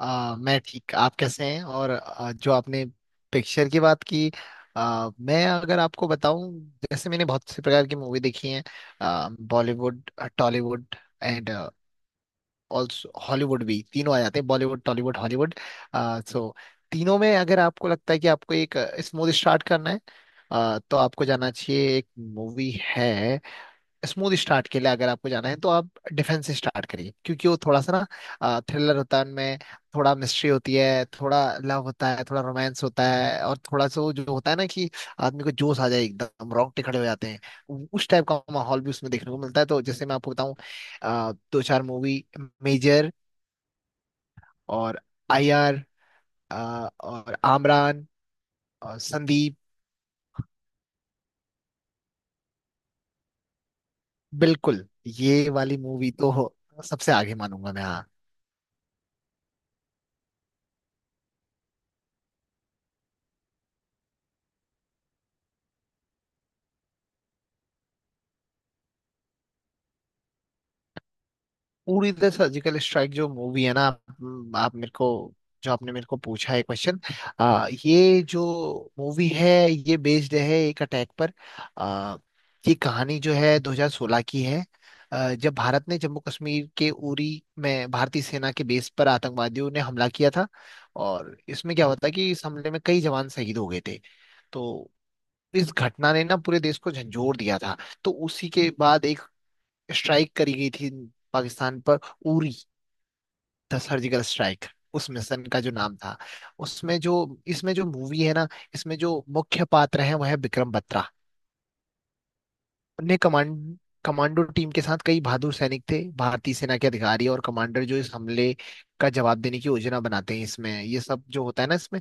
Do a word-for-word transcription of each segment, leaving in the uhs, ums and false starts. आ, मैं ठीक। आप कैसे हैं? और आ, जो आपने पिक्चर की बात की। आ, मैं अगर आपको बताऊं, जैसे मैंने बहुत से प्रकार की मूवी देखी हैं। आ, Bollywood, Tollywood and also Hollywood भी, तीनों आ जाते हैं। बॉलीवुड, टॉलीवुड, हॉलीवुड। आ, सो तीनों में अगर आपको लगता है कि आपको एक स्मूथ स्टार्ट करना है, आ, तो आपको जाना चाहिए, एक मूवी है। स्मूथ स्टार्ट के लिए अगर आपको जाना है तो आप डिफेंस से स्टार्ट करिए, क्योंकि वो थोड़ा सा ना थ्रिलर होता है उनमें, थोड़ा मिस्ट्री होती है, थोड़ा लव होता है, थोड़ा रोमांस होता है, और थोड़ा सा वो जो होता है ना कि आदमी को जोश आ जाए, एकदम रोंगटे खड़े हो जाते हैं। उ- उस टाइप का माहौल भी उसमें देखने को मिलता है। तो जैसे मैं आपको बताऊं, अ, दो चार मूवी: मेजर, और आईआर, और आमरान, और संदीप। बिल्कुल, ये वाली मूवी तो सबसे आगे मानूंगा मैं, हाँ। पूरी द सर्जिकल स्ट्राइक जो मूवी है ना, आप आप मेरे को, जो आपने मेरे को पूछा है क्वेश्चन, आ, ये जो मूवी है ये बेस्ड है एक अटैक पर। आ, ये कहानी जो है दो हज़ार सोलह की है। आ, जब भारत ने जम्मू कश्मीर के उरी में भारतीय सेना के बेस पर आतंकवादियों ने हमला किया था, और इसमें क्या होता है कि इस हमले में कई जवान शहीद हो गए थे। तो इस घटना ने ना पूरे देश को झंझोर दिया था। तो उसी के बाद एक स्ट्राइक करी गई थी पाकिस्तान पर। उरी था सर्जिकल स्ट्राइक, उस मिशन का जो नाम था। उसमें जो इसमें जो मूवी है ना, इसमें जो मुख्य पात्र है वह है विक्रम बत्रा। ने कमांड कमांडो टीम के साथ कई बहादुर सैनिक थे, भारतीय सेना के अधिकारी और कमांडर, जो इस हमले का जवाब देने की योजना बनाते हैं। इसमें ये सब जो होता है ना इसमें,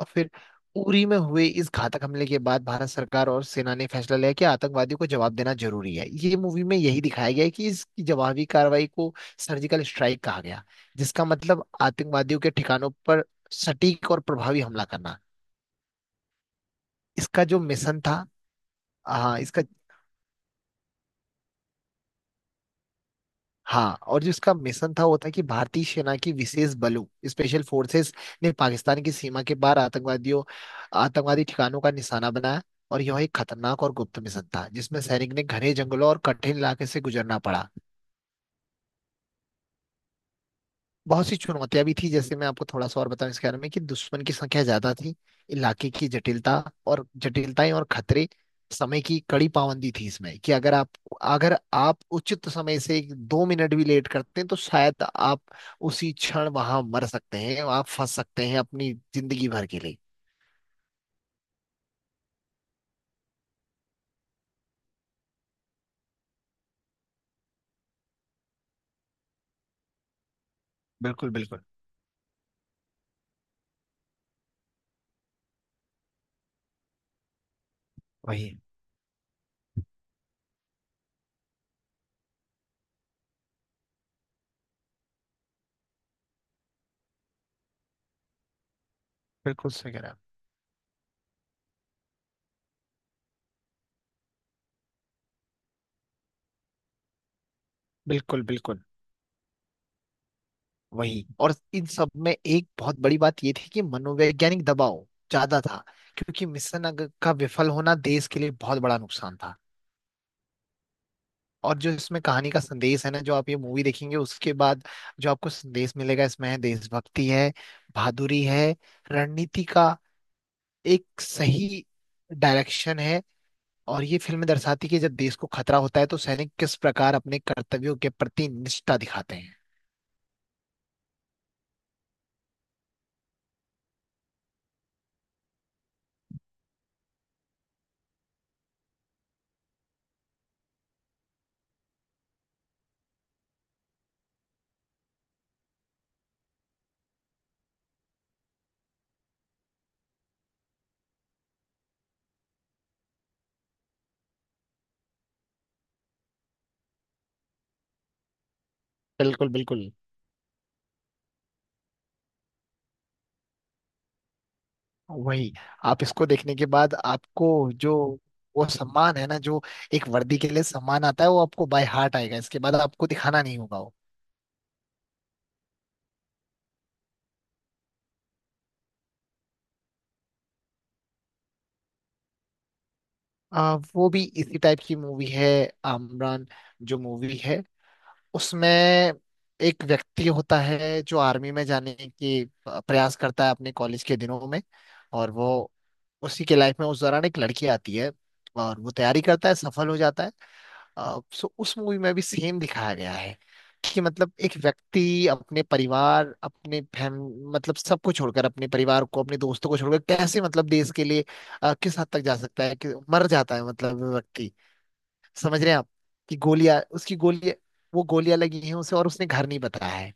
और फिर उरी में हुए इस घातक हमले के बाद भारत सरकार और सेना ने फैसला लिया कि आतंकवादियों को जवाब देना जरूरी है। ये मूवी में यही दिखाया गया है कि इसकी जवाबी कार्रवाई को सर्जिकल स्ट्राइक कहा गया, जिसका मतलब आतंकवादियों के ठिकानों पर सटीक और प्रभावी हमला करना। इसका जो मिशन था। हाँ, इसका। हाँ, और जिसका मिशन था वो था कि भारतीय सेना की विशेष बलों, स्पेशल फोर्सेस, ने पाकिस्तान की सीमा के पार आतंकवादियों आतंकवादी ठिकानों का निशाना बनाया। और यह एक खतरनाक और गुप्त मिशन था, जिसमें सैनिक ने घने जंगलों और कठिन इलाके से गुजरना पड़ा। बहुत सी चुनौतियां भी थी, जैसे मैं आपको थोड़ा सा और बताऊं इसके बारे में कि दुश्मन की संख्या ज्यादा थी, इलाके की जटिलता और जटिलताएं और खतरे, समय की कड़ी पाबंदी थी इसमें कि अगर आप अगर आप उचित समय से एक- दो मिनट भी लेट करते हैं तो शायद आप उसी क्षण वहां मर सकते हैं, आप फंस सकते हैं अपनी जिंदगी भर के लिए। बिल्कुल, बिल्कुल, बिल्कुल सही कह रहे हैं आप। बिल्कुल, बिल्कुल। वही, और इन सब में एक बहुत बड़ी बात ये थी कि मनोवैज्ञानिक दबाव ज्यादा था, क्योंकि मिशन अग- का विफल होना देश के लिए बहुत बड़ा नुकसान था। और जो इसमें कहानी का संदेश है ना, जो आप ये मूवी देखेंगे उसके बाद जो आपको संदेश मिलेगा, इसमें है देशभक्ति है, बहादुरी है, रणनीति का एक सही डायरेक्शन है। और ये फिल्म दर्शाती है कि जब देश को खतरा होता है तो सैनिक किस प्रकार अपने कर्तव्यों के प्रति निष्ठा दिखाते हैं। बिल्कुल, बिल्कुल। वही। आप इसको देखने के बाद आपको जो वो सम्मान है ना, जो एक वर्दी के लिए सम्मान आता है, वो आपको बाय हार्ट आएगा। इसके बाद आपको दिखाना नहीं होगा वो। आ, वो भी इसी टाइप की मूवी है। आमरान जो मूवी है, उसमें एक व्यक्ति होता है जो आर्मी में जाने की प्रयास करता है अपने कॉलेज के दिनों में, और वो उसी के लाइफ में उस दौरान एक लड़की आती है, और वो तैयारी करता है, सफल हो जाता है। अ, सो उस मूवी में भी सेम दिखाया गया है कि मतलब एक व्यक्ति अपने परिवार, अपने फैम, मतलब सबको छोड़कर, अपने परिवार को अपने दोस्तों को छोड़कर, कैसे मतलब देश के लिए अ, किस हद तक जा सकता है कि मर जाता है मतलब वो व्यक्ति। समझ रहे हैं आप? कि गोलियां, उसकी गोलियां, वो गोलियां लगी हैं उसे और उसने घर नहीं बताया है।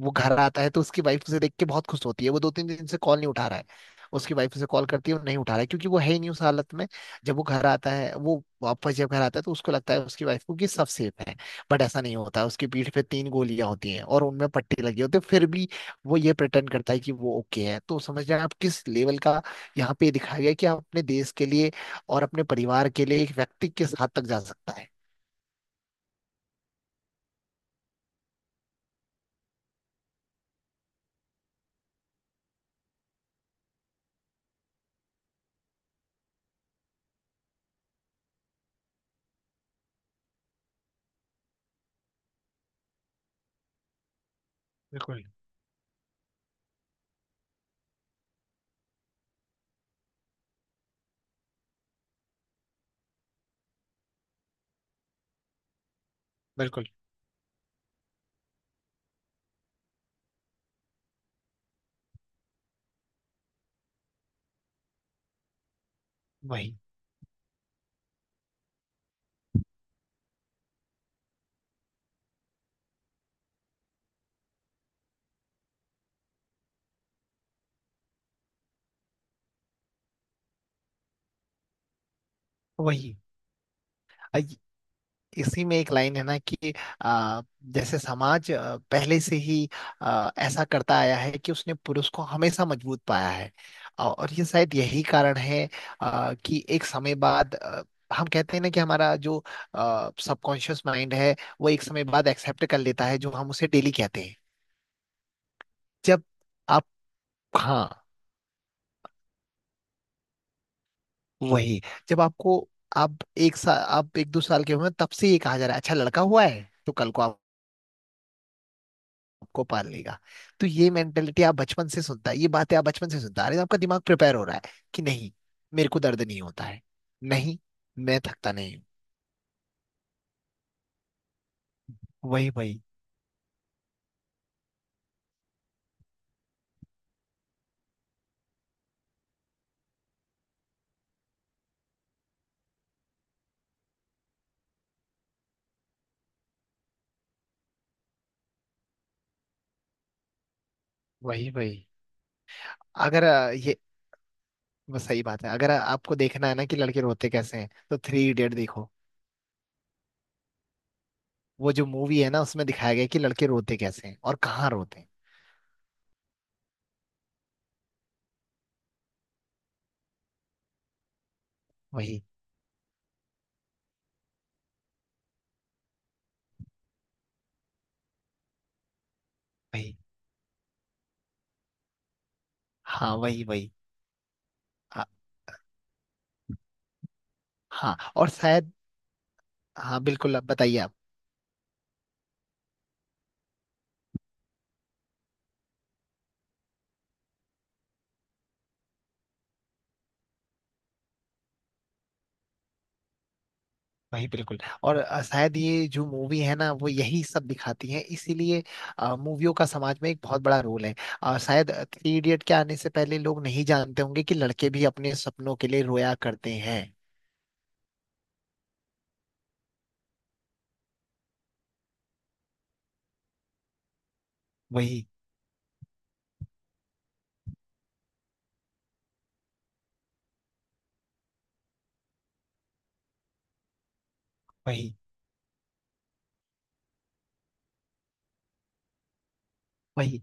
वो घर आता है तो उसकी वाइफ उसे देख के बहुत खुश होती है। वो दो तीन दिन से कॉल नहीं उठा रहा है, उसकी वाइफ उसे कॉल करती है, वो नहीं उठा रहा है क्योंकि वो है ही नहीं उस हालत में। जब वो घर आता है वो वापस जब घर आता है तो उसको लगता है उसकी वाइफ को कि सब सेफ है, बट ऐसा नहीं होता। उसकी पीठ पे तीन गोलियां होती हैं और उनमें पट्टे लगे होते हैं, फिर भी वो ये प्रिटेंड करता है कि वो ओके है। तो समझ रहे हैं आप, किस लेवल का यहाँ पे दिखाया गया है कि आप अपने देश के लिए और अपने परिवार के लिए एक व्यक्ति किस हद तक जा सकता है। बिल्कुल, बिल्कुल। वही, वही। अ, इसी में एक लाइन है ना कि आ, जैसे समाज आ, पहले से ही आ, ऐसा करता आया है कि उसने पुरुष को हमेशा मजबूत पाया है। अ, और ये शायद यही कारण है आ, कि एक समय बाद आ, हम कहते हैं ना कि हमारा जो सबकॉन्शियस माइंड है, वो एक समय बाद एक्सेप्ट कर लेता है जो हम उसे डेली कहते हैं। जब आप, हाँ, वही, जब आपको, आप एक साल, आप एक दो साल के हुए तब से ये कहा जा रहा है अच्छा लड़का हुआ है तो कल को आप- आपको पाल लेगा। तो ये मेंटेलिटी आप बचपन से सुनता है, ये बातें आप बचपन से सुनता आ रहे हैं, आपका दिमाग प्रिपेयर हो रहा है कि नहीं, मेरे को दर्द नहीं होता है, नहीं, मैं थकता नहीं हूँ। वही, वही, वही, वही। अगर अ, ये वो सही बात है, अगर अ, आपको देखना है ना कि लड़के रोते कैसे हैं तो थ्री इडियट देखो। वो जो मूवी है ना, उसमें दिखाया गया है कि लड़के रोते कैसे हैं और कहाँ रोते हैं। वही, वही। हाँ, वही, वही। हाँ, और शायद, हाँ, बिल्कुल, अब बताइए आप। वही, बिल्कुल। और अ, शायद ये जो मूवी है ना, वो यही सब दिखाती है, इसीलिए अ, मूवियों का समाज में एक बहुत बड़ा रोल है। अ, शायद थ्री इडियट के आने से पहले लोग नहीं जानते होंगे कि लड़के भी अपने सपनों के लिए रोया करते हैं। वही, वही, वही।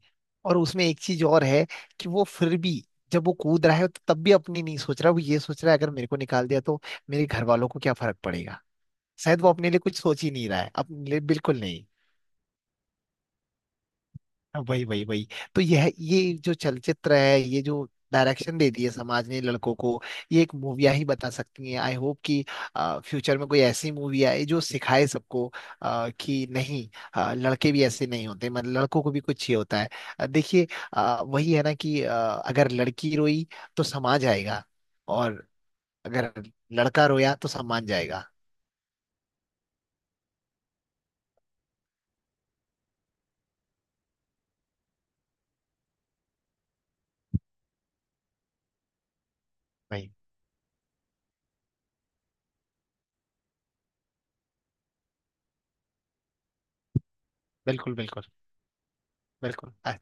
और उसमें एक चीज और है, कि वो फिर भी, जब वो कूद रहा है तो तब भी अपनी नहीं सोच रहा, वो ये सोच रहा है अगर मेरे को निकाल दिया तो मेरे घर वालों को क्या फर्क पड़ेगा। शायद वो अपने लिए कुछ सोच ही नहीं रहा है, अपने लिए बिल्कुल। हाँ, वही, वही, वही। तो यह ये जो चलचित्र है, ये जो डायरेक्शन दे दी है समाज ने लड़कों को, ये एक मूवियाँ ही बता सकती हैं। आई होप कि फ्यूचर में कोई ऐसी मूवी आए जो सिखाए सबको अ, कि नहीं, अ, लड़के भी ऐसे नहीं होते, मतलब लड़कों को भी कुछ ही होता है। अ, देखिए, अ, वही है ना कि अ, अगर लड़की रोई तो समाज आएगा, और अगर लड़का रोया तो सम्मान जाएगा। भाई, बिल्कुल, बिल्कुल, बिल्कुल। अ-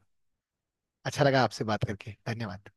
अच्छा लगा आपसे बात करके, धन्यवाद।